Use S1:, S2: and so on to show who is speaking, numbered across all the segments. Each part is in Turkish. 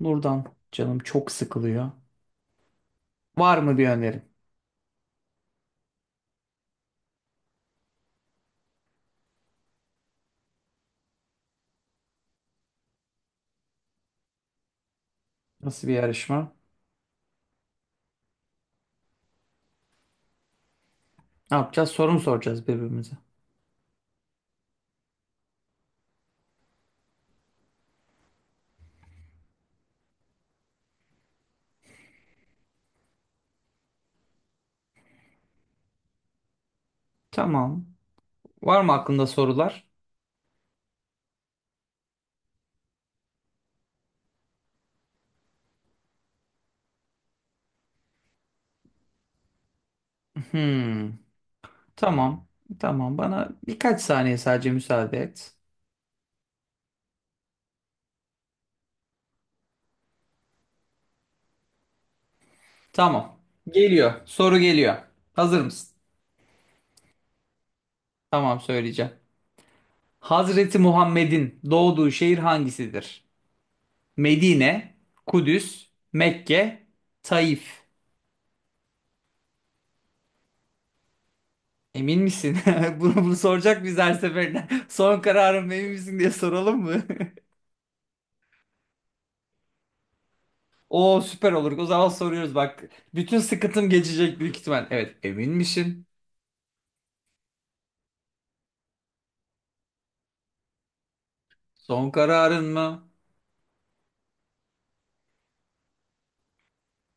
S1: Nurdan canım çok sıkılıyor. Var mı bir önerin? Nasıl bir yarışma? Ne yapacağız? Soru mu soracağız birbirimize? Tamam. Var mı aklında sorular? Hmm. Tamam. Tamam. Bana birkaç saniye sadece müsaade et. Tamam. Geliyor. Soru geliyor. Hazır mısın? Tamam söyleyeceğim. Hazreti Muhammed'in doğduğu şehir hangisidir? Medine, Kudüs, Mekke, Taif. Emin misin? Bunu soracak biz her seferinde. Son kararın mı, emin misin diye soralım mı? Oo süper olur. O zaman soruyoruz bak. Bütün sıkıntım geçecek büyük ihtimal. Evet, emin misin? Son kararın mı?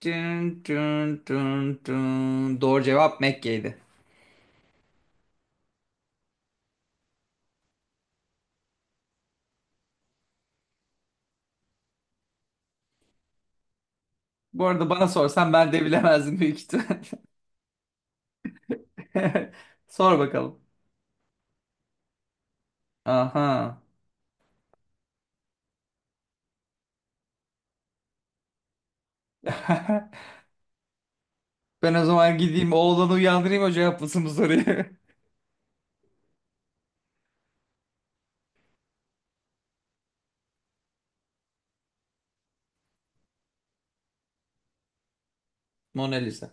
S1: Tün tün tün tün. Doğru cevap Mekke'ydi. Bu arada bana sorsan ben de bilemezdim büyük ihtimal. Sor bakalım. Aha. Ben o zaman gideyim oğlanı uyandırayım o cevaplasın bu soruyu. Mona Lisa.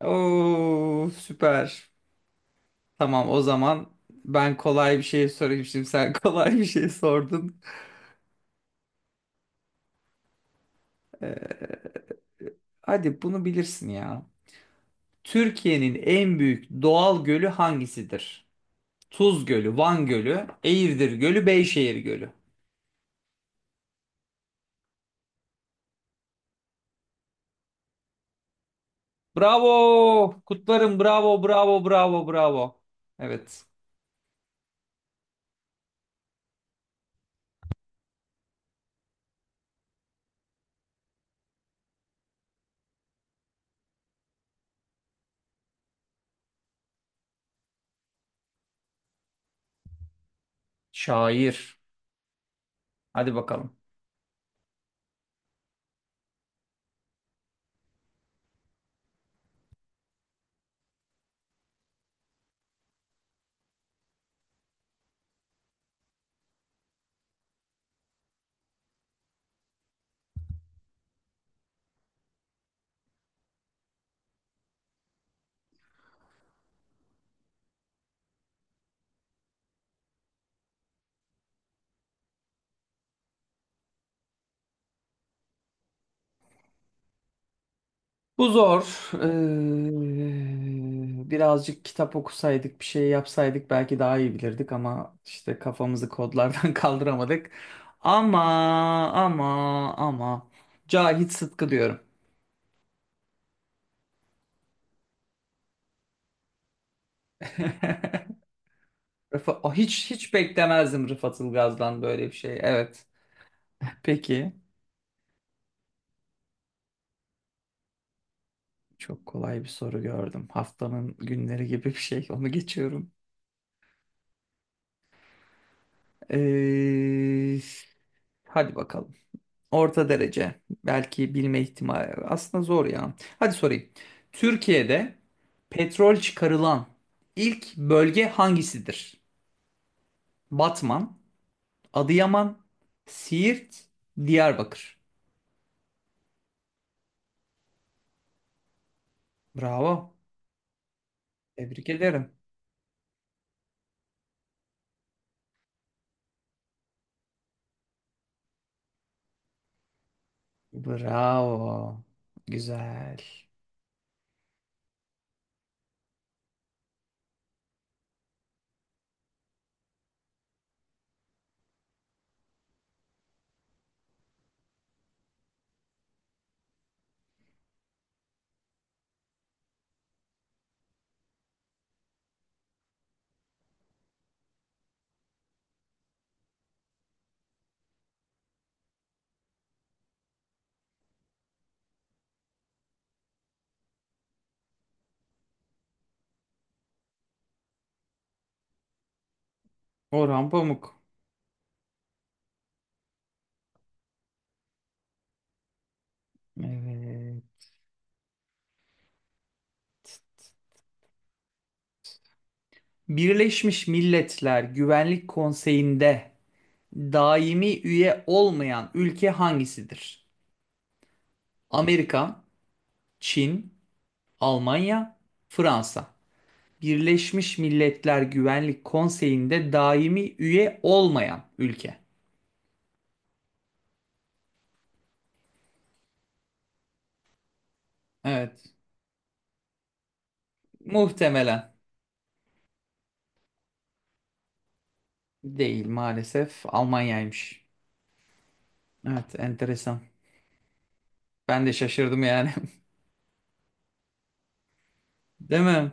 S1: Oo süper. Tamam o zaman ben kolay bir şey sorayım şimdi sen kolay bir şey sordun. Ee, Hadi bunu bilirsin ya. Türkiye'nin en büyük doğal gölü hangisidir? Tuz Gölü, Van Gölü, Eğirdir Gölü, Beyşehir Gölü. Bravo! Kutlarım, bravo, bravo, bravo, bravo. Evet. Şair. Hadi bakalım. Bu zor. Birazcık kitap okusaydık, bir şey yapsaydık belki daha iyi bilirdik ama işte kafamızı kodlardan kaldıramadık. Ama ama ama Cahit Sıtkı diyorum. O hiç hiç beklemezdim Rıfat Ilgaz'dan böyle bir şey. Evet. Peki. Çok kolay bir soru gördüm. Haftanın günleri gibi bir şey. Onu geçiyorum. Ee, Hadi bakalım. Orta derece. Belki bilme ihtimali. Aslında zor ya. Hadi sorayım. Türkiye'de petrol çıkarılan ilk bölge hangisidir? Batman, Adıyaman, Siirt, Diyarbakır. Bravo. Tebrik ederim. Bravo. Güzel. Orhan Pamuk. Evet. Birleşmiş Milletler Güvenlik Konseyi'nde daimi üye olmayan ülke hangisidir? Amerika, Çin, Almanya, Fransa. Birleşmiş Milletler Güvenlik Konseyi'nde daimi üye olmayan ülke. Evet. Muhtemelen değil, maalesef Almanya'ymış. Evet, enteresan. Ben de şaşırdım yani. Değil mi?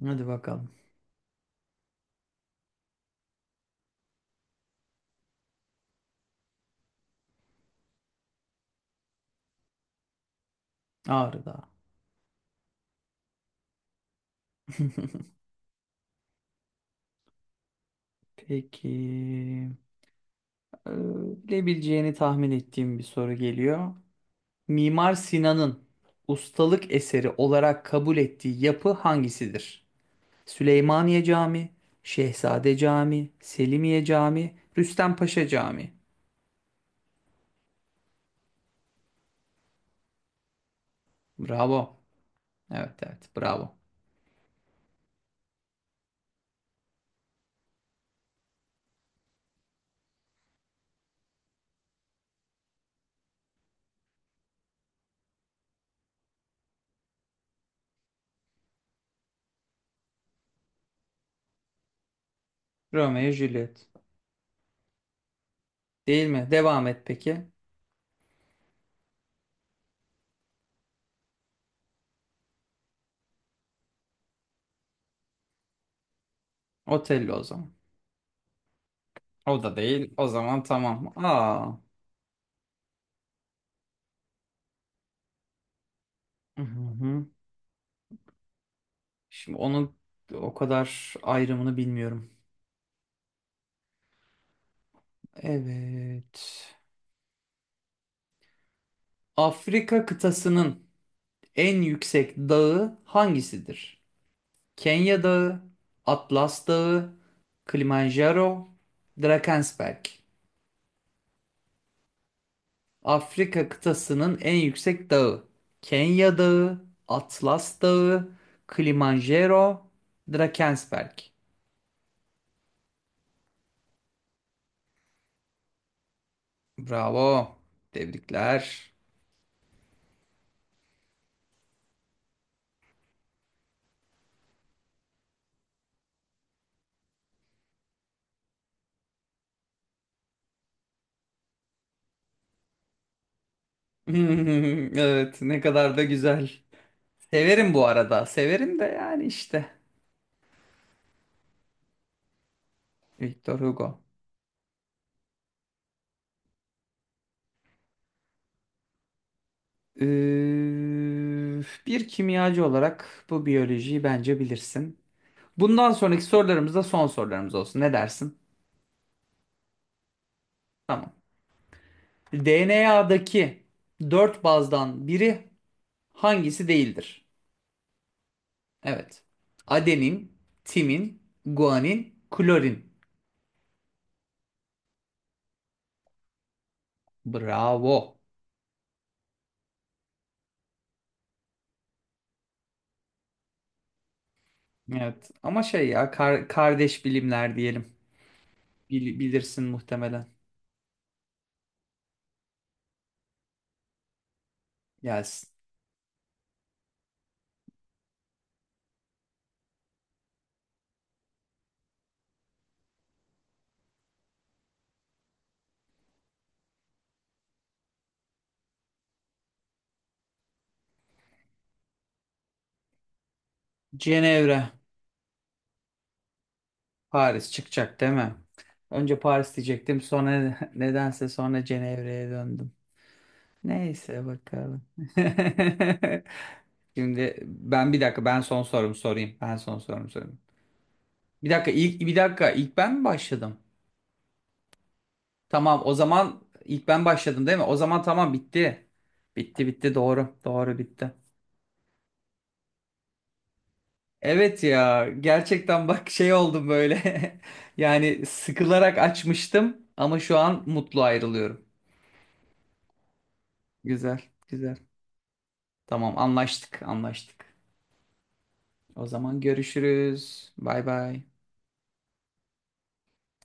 S1: Hadi bakalım. Ağrı Dağı. Peki. Ee, Bilebileceğini tahmin ettiğim bir soru geliyor. Mimar Sinan'ın ustalık eseri olarak kabul ettiği yapı hangisidir? Süleymaniye Camii, Şehzade Camii, Selimiye Camii, Rüstempaşa Camii. Bravo. Evet evet, bravo. Romeo ve Juliet. Değil mi? Devam et peki. Otello o zaman. O da değil. O zaman tamam. Aa. Hı hı. Şimdi onun o kadar ayrımını bilmiyorum. Evet. Afrika kıtasının en yüksek dağı hangisidir? Kenya Dağı, Atlas Dağı, Kilimanjaro, Drakensberg. Afrika kıtasının en yüksek dağı. Kenya Dağı, Atlas Dağı, Kilimanjaro, Drakensberg. Bravo. Tebrikler. Evet, ne kadar da güzel. Severim bu arada. Severim de yani işte. Victor Hugo. Ee, Bir kimyacı olarak bu biyolojiyi bence bilirsin. Bundan sonraki sorularımız da son sorularımız olsun. Ne dersin? Tamam. DNA'daki dört bazdan biri hangisi değildir? Evet. Adenin, timin, guanin, klorin. Bravo. Evet. Ama şey ya, kardeş bilimler diyelim. Bilirsin muhtemelen. Gelsin. Cenevre. Paris çıkacak değil mi? Önce Paris diyecektim. Sonra nedense sonra Cenevre'ye döndüm. Neyse bakalım. Şimdi ben, bir dakika, ben son sorumu sorayım. Ben son sorumu sorayım. Bir dakika, ilk, bir dakika, ilk ben mi başladım? Tamam o zaman ilk ben başladım değil mi? O zaman tamam, bitti. Bitti doğru. Doğru, bitti. Evet ya, gerçekten bak, şey oldum böyle. Yani sıkılarak açmıştım ama şu an mutlu ayrılıyorum. Güzel güzel. Tamam, anlaştık. O zaman görüşürüz. Bay bay.